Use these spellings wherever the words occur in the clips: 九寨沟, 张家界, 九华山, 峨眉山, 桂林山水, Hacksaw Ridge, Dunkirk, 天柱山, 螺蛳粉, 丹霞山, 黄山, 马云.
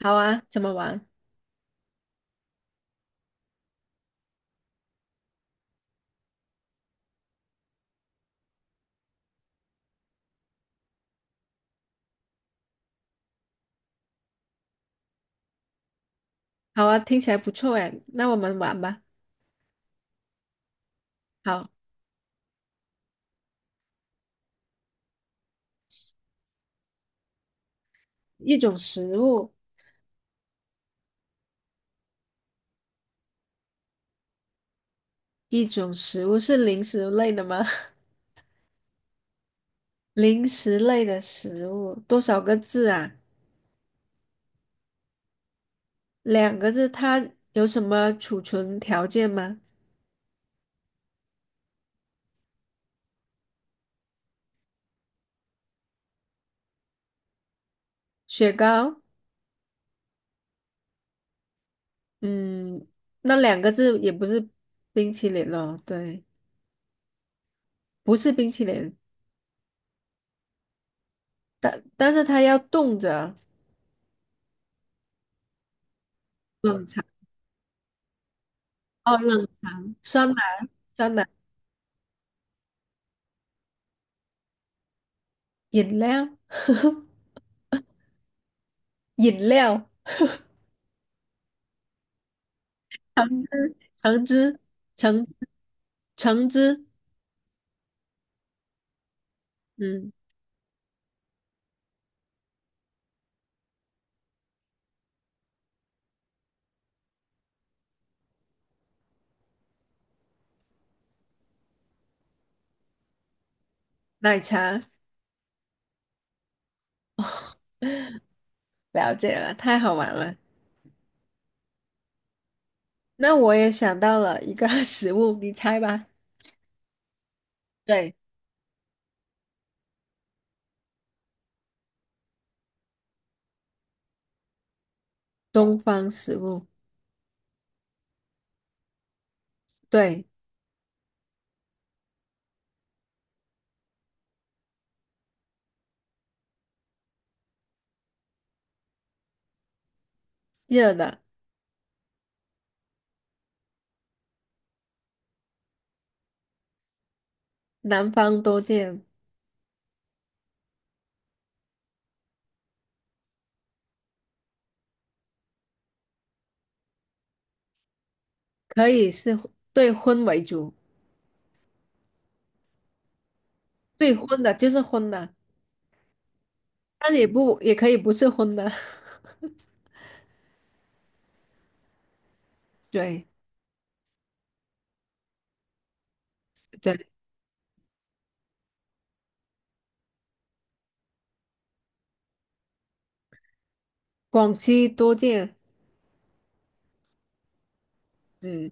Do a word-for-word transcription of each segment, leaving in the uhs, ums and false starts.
好啊，怎么玩？好啊，听起来不错哎，那我们玩吧。好，一种食物。一种食物是零食类的吗？零食类的食物，多少个字啊？两个字。它有什么储存条件吗？雪糕。嗯，那两个字也不是冰淇淋咯？对，不是冰淇淋。但但是它要冻着。冷藏？哦，冷藏。酸奶？酸奶？饮料？饮料。橙汁、橙汁、橙汁、橙汁。嗯，奶茶？了解了，太好玩了。那我也想到了一个 食物，你猜吧。对，东方食物。对，热的。南方多见。可以是荤，对，荤为主。对，荤的就是荤的，但也不，也可以不是荤的。对对，广西多见。嗯，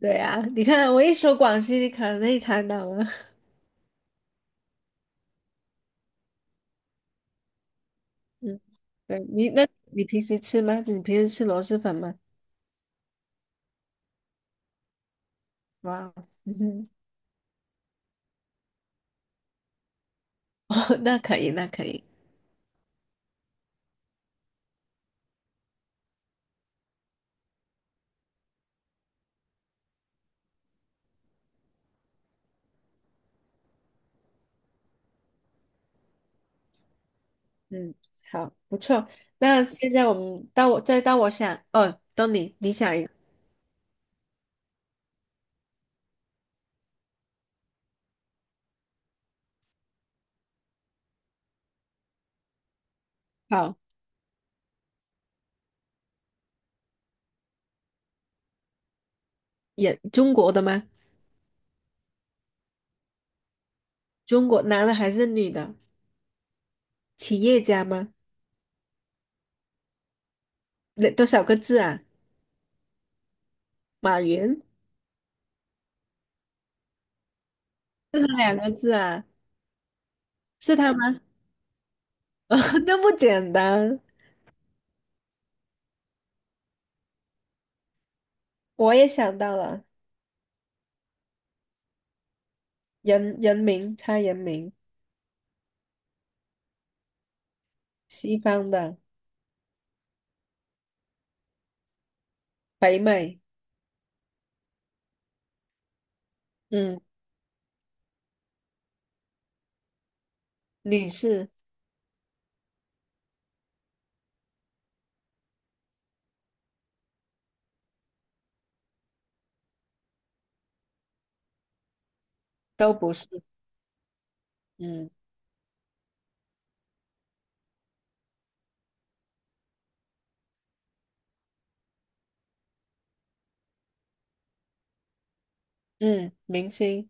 对啊，你看我一说广西，你可能也猜到了。嗯，对你，那你平时吃吗？你平时吃螺蛳粉吗？哇。嗯哼。哦，那可以，那可以。嗯，好，不错。那现在我们到我，再到我想，哦，到你，你想一个。好，也中国的吗？中国男的还是女的？企业家吗？那多少个字啊？马云。是他两个字啊？是他吗？哦，那不简单。我也想到了。人人名猜人名。西方的。北美。嗯。女士。都不是。嗯嗯，明星。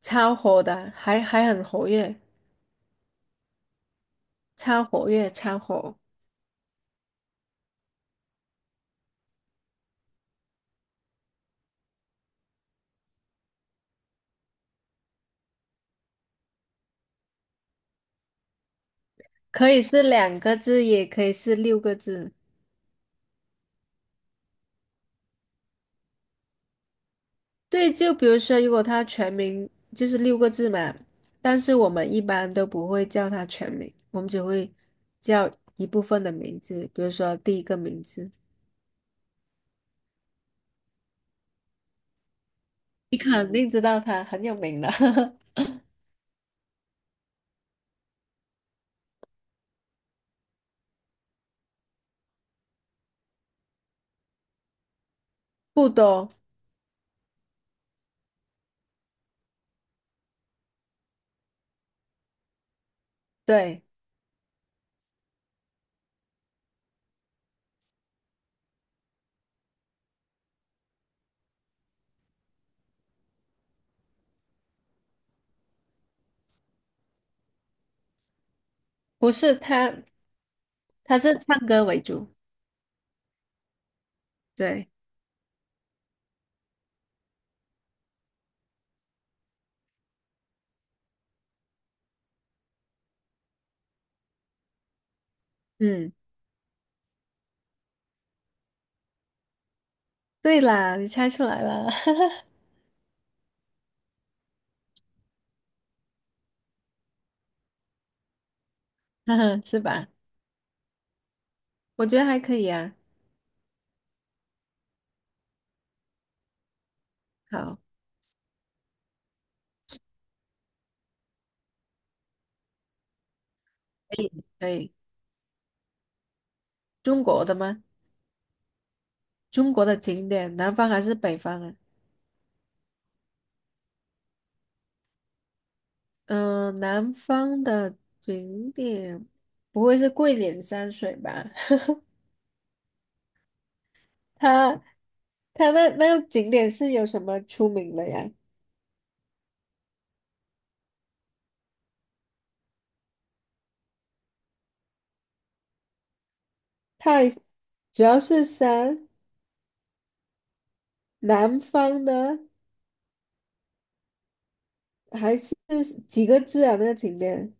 超火的，还还很活跃。超活跃，超火。可以是两个字，也可以是六个字。对，就比如说，如果他全名就是六个字嘛，但是我们一般都不会叫他全名，我们只会叫一部分的名字，比如说第一个名字，你肯定知道他很有名的。不多。对，不是他。他是唱歌为主。对。嗯。对啦，你猜出来了。是吧？我觉得还可以啊。好，可以可以。中国的吗？中国的景点，南方还是北方啊？嗯，南方的景点，不会是桂林山水吧？它它那那个景点是有什么出名的呀？太主要是山。南方的。还是几个字啊？那个景点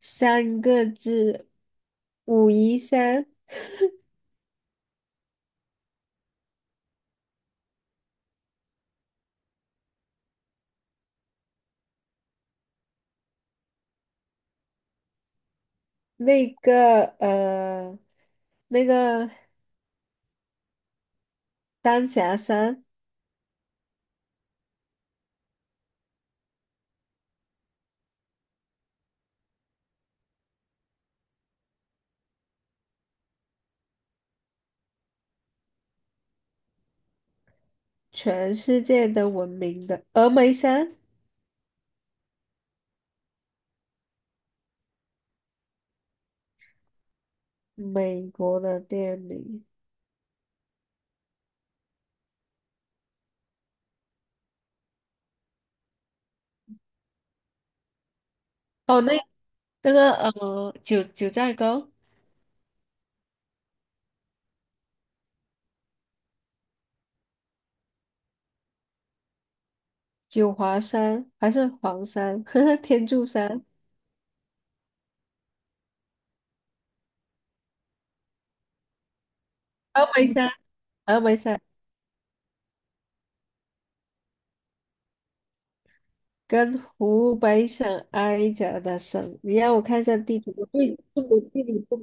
三个字，武夷山。那个呃，那个丹霞山。全世界都闻名的峨眉山。美国的店名。哦，那那个呃，九九寨沟、九华山还是黄山、天柱山、峨眉山、峨眉山跟湖北省挨着的省。你让我看一下地图，我对中国地理不。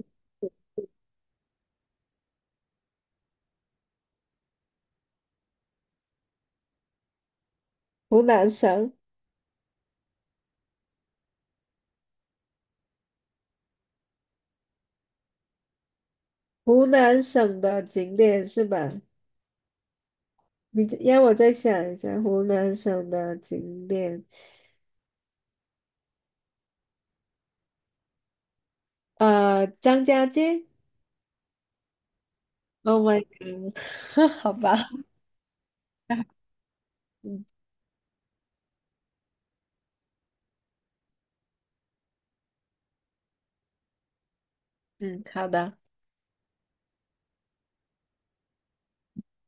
湖南省？湖南省的景点是吧？你让我再想一下湖南省的景点。呃，张家界。Oh my god！好吧，嗯嗯，好的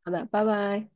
好的，拜拜。